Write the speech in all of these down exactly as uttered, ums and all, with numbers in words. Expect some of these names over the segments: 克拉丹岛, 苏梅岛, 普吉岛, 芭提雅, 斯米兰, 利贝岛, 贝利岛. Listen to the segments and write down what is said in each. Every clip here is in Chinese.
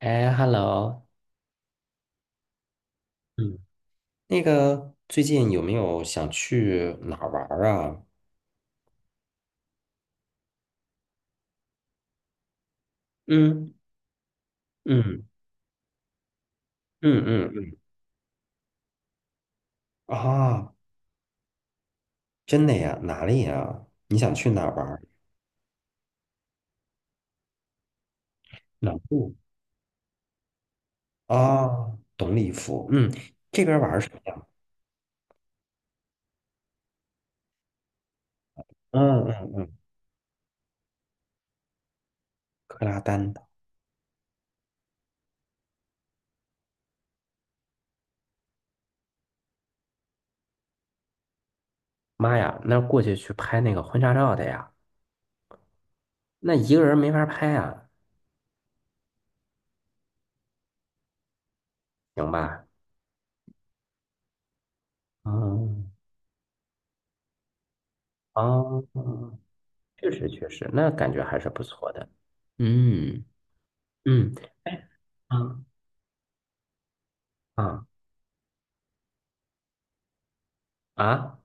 哎，hello，嗯，那个最近有没有想去哪儿玩儿啊？嗯嗯嗯嗯嗯啊，真的呀？哪里呀？你想去哪儿玩儿？南部，啊，懂礼服，嗯，这边儿玩儿什么呀？嗯嗯嗯，克拉丹岛。妈呀，那过去去拍那个婚纱照的呀，那一个人没法拍啊，行吧？嗯啊，确实确实，那感觉还是不错的。嗯。嗯，哎，啊啊啊！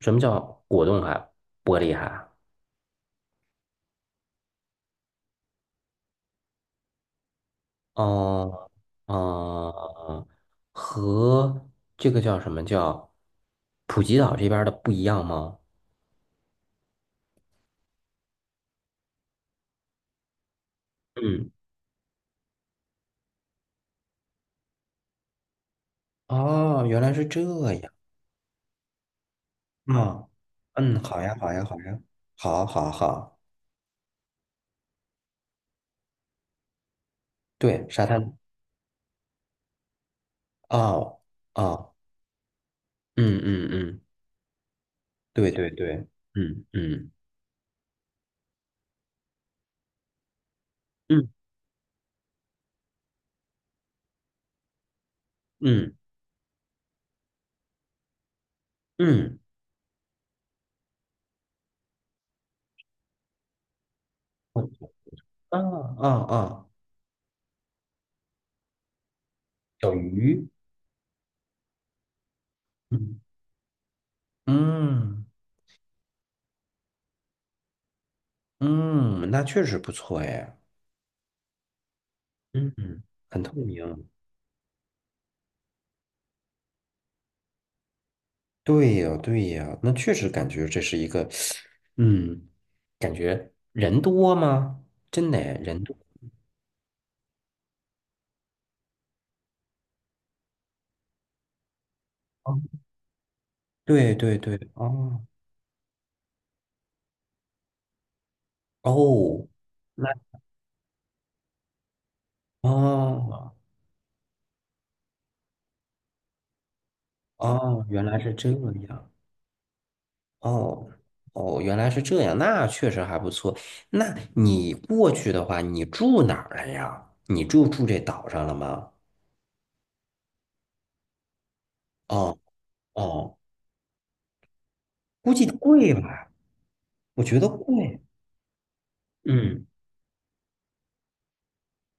什么叫果冻海、玻璃海？哦哦，和这个叫什么叫普吉岛这边儿的不一样吗？嗯，哦，原来是这样。啊，嗯，好呀，好呀，好呀，好，好，好，对，沙滩。哦，哦，嗯嗯嗯，对对对，嗯嗯嗯嗯嗯，嗯啊啊啊，小鱼。嗯嗯嗯，那确实不错哎，嗯，嗯，很透明。对呀，对呀，那确实感觉这是一个，嗯，感觉人多吗？真的哎人多。哦对对对，哦哦，那哦哦，原来是这样，哦哦，原来是这样，那确实还不错。那你过去的话，你住哪儿了呀？你就住这岛上了吗？哦哦估计贵吧，我觉得贵。嗯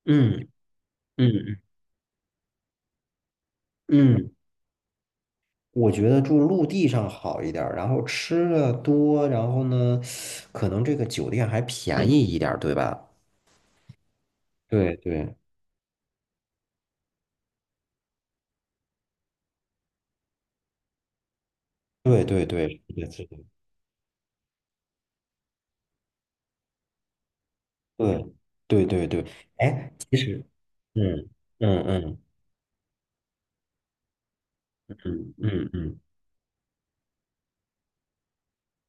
嗯嗯嗯嗯，我觉得住陆地上好一点儿，然后吃的多，然后呢，可能这个酒店还便宜一点儿，对吧？对对对对对，是的，是的，对对对对。哎，其实，嗯嗯嗯嗯嗯嗯。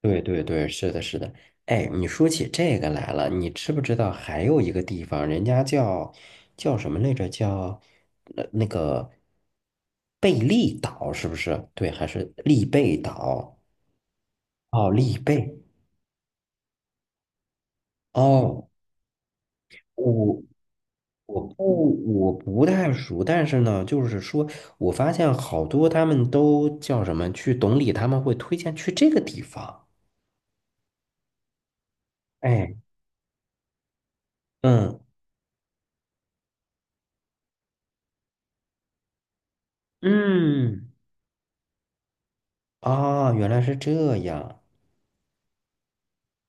对对对，是的，是的。哎，你说起这个来了，你知不知道还有一个地方，人家叫叫什么来着？叫那那个贝利岛，是不是？对，还是利贝岛？哦，利贝。哦，我我不我不太熟，但是呢，就是说我发现好多他们都叫什么去懂理，他们会推荐去这个地方。哎，嗯嗯，啊，原来是这样。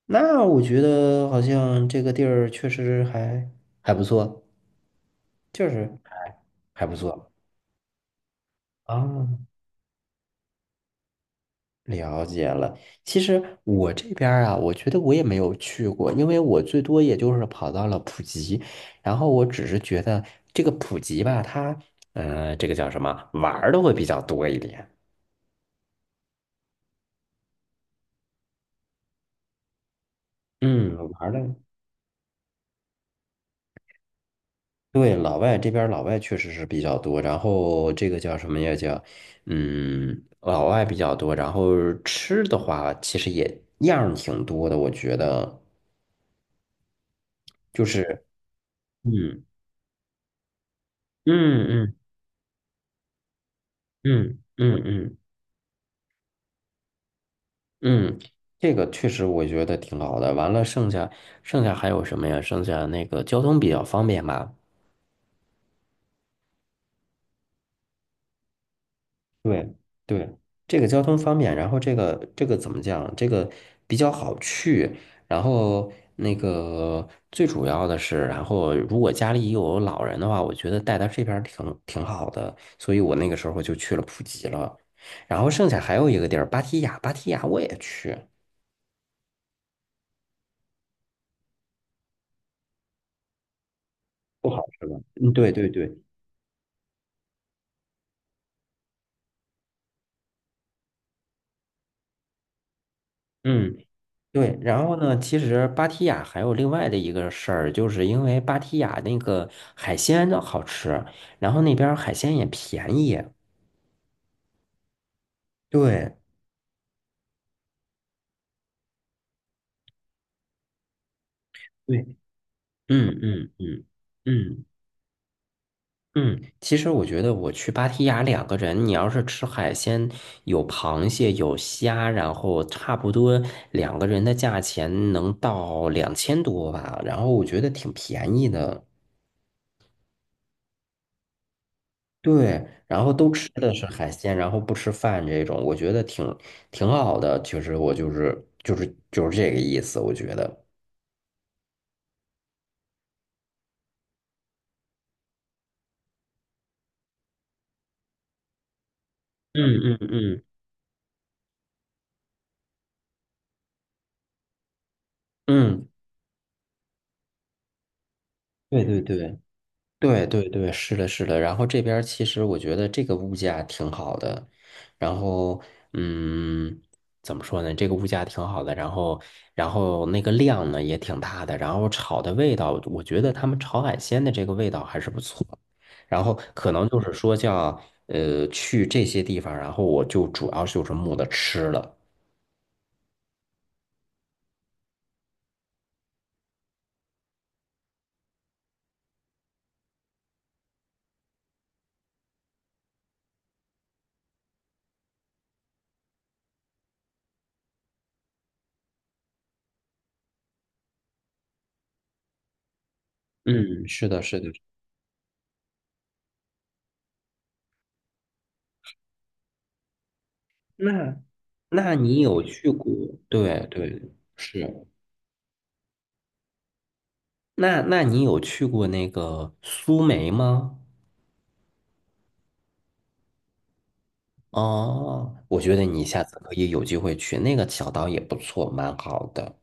那我觉得好像这个地儿确实还还不错，就是还不错啊，了解了。其实我这边儿啊，我觉得我也没有去过，因为我最多也就是跑到了普吉，然后我只是觉得这个普吉吧，它呃，这个叫什么，玩儿的会比较多一点。嗯，玩儿的。对，老外这边儿老外确实是比较多，然后这个叫什么呀？叫嗯，老外比较多，然后吃的话其实也样儿挺多的，我觉得就是嗯嗯嗯嗯嗯嗯嗯，这个确实我觉得挺好的。完了，剩下剩下还有什么呀？剩下那个交通比较方便吧。对对，这个交通方便，然后这个这个怎么讲？这个比较好去，然后那个最主要的是，然后如果家里有老人的话，我觉得带到这边儿挺挺好的，所以我那个时候就去了普吉了。然后剩下还有一个地儿，芭提雅，芭提雅我也去，不好是吧？嗯，对对对，嗯。对，然后呢，其实芭提雅还有另外的一个事儿，就是因为芭提雅那个海鲜的好吃，然后那边儿海鲜也便宜。对，对，嗯嗯嗯嗯嗯，其实我觉得我去芭提雅两个人，你要是吃海鲜，有螃蟹有虾，然后差不多两个人的价钱能到两千多吧，然后我觉得挺便宜的。对，然后都吃的是海鲜，然后不吃饭这种，我觉得挺挺好的。其实我就是就是就是这个意思，我觉得。嗯嗯嗯嗯，对对对。对对对，是的，是的。然后这边儿其实我觉得这个物价挺好的，然后嗯，怎么说呢？这个物价挺好的，然后然后那个量呢也挺大的，然后炒的味道，我觉得他们炒海鲜的这个味道还是不错。然后可能就是说叫呃去这些地方，然后我就主要就是慕的吃了。嗯，是的，是的。那那你有去过？对对，是。那那你有去过那个苏梅吗？哦，我觉得你下次可以有机会去，那个小岛也不错，蛮好的。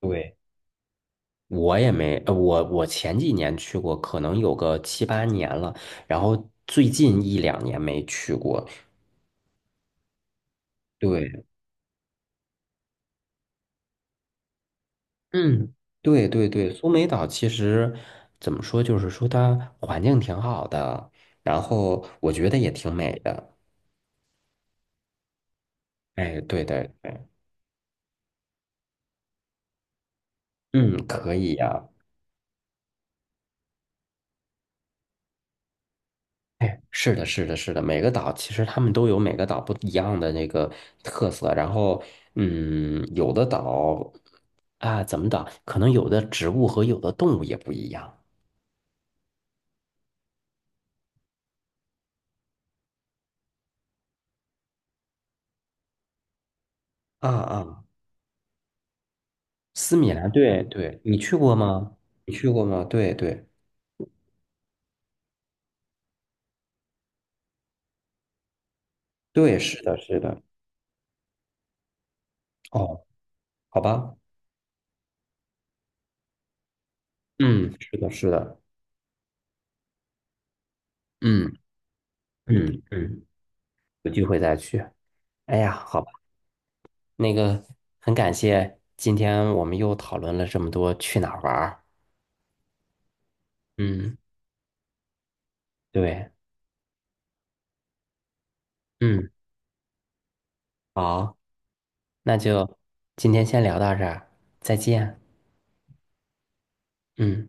对，我也没，呃，我我前几年去过，可能有个七八年了，然后最近一两年没去过。对，嗯，对对对，苏梅岛其实怎么说，就是说它环境挺好的，然后我觉得也挺美的。哎，对对，对嗯，可以呀。哎，是的，是的，是的，每个岛其实他们都有每个岛不一样的那个特色，然后，嗯，有的岛啊，怎么岛，可能有的植物和有的动物也不一样。啊啊，斯米兰，对对，你去过吗？你去过吗？对对对，是的，是的。哦，好吧，嗯，是的，是的，嗯嗯嗯，有机会再去。哎呀，好吧，那个很感谢今天我们又讨论了这么多去哪儿玩儿。嗯，对。嗯，好，那就今天先聊到这儿，再见。嗯。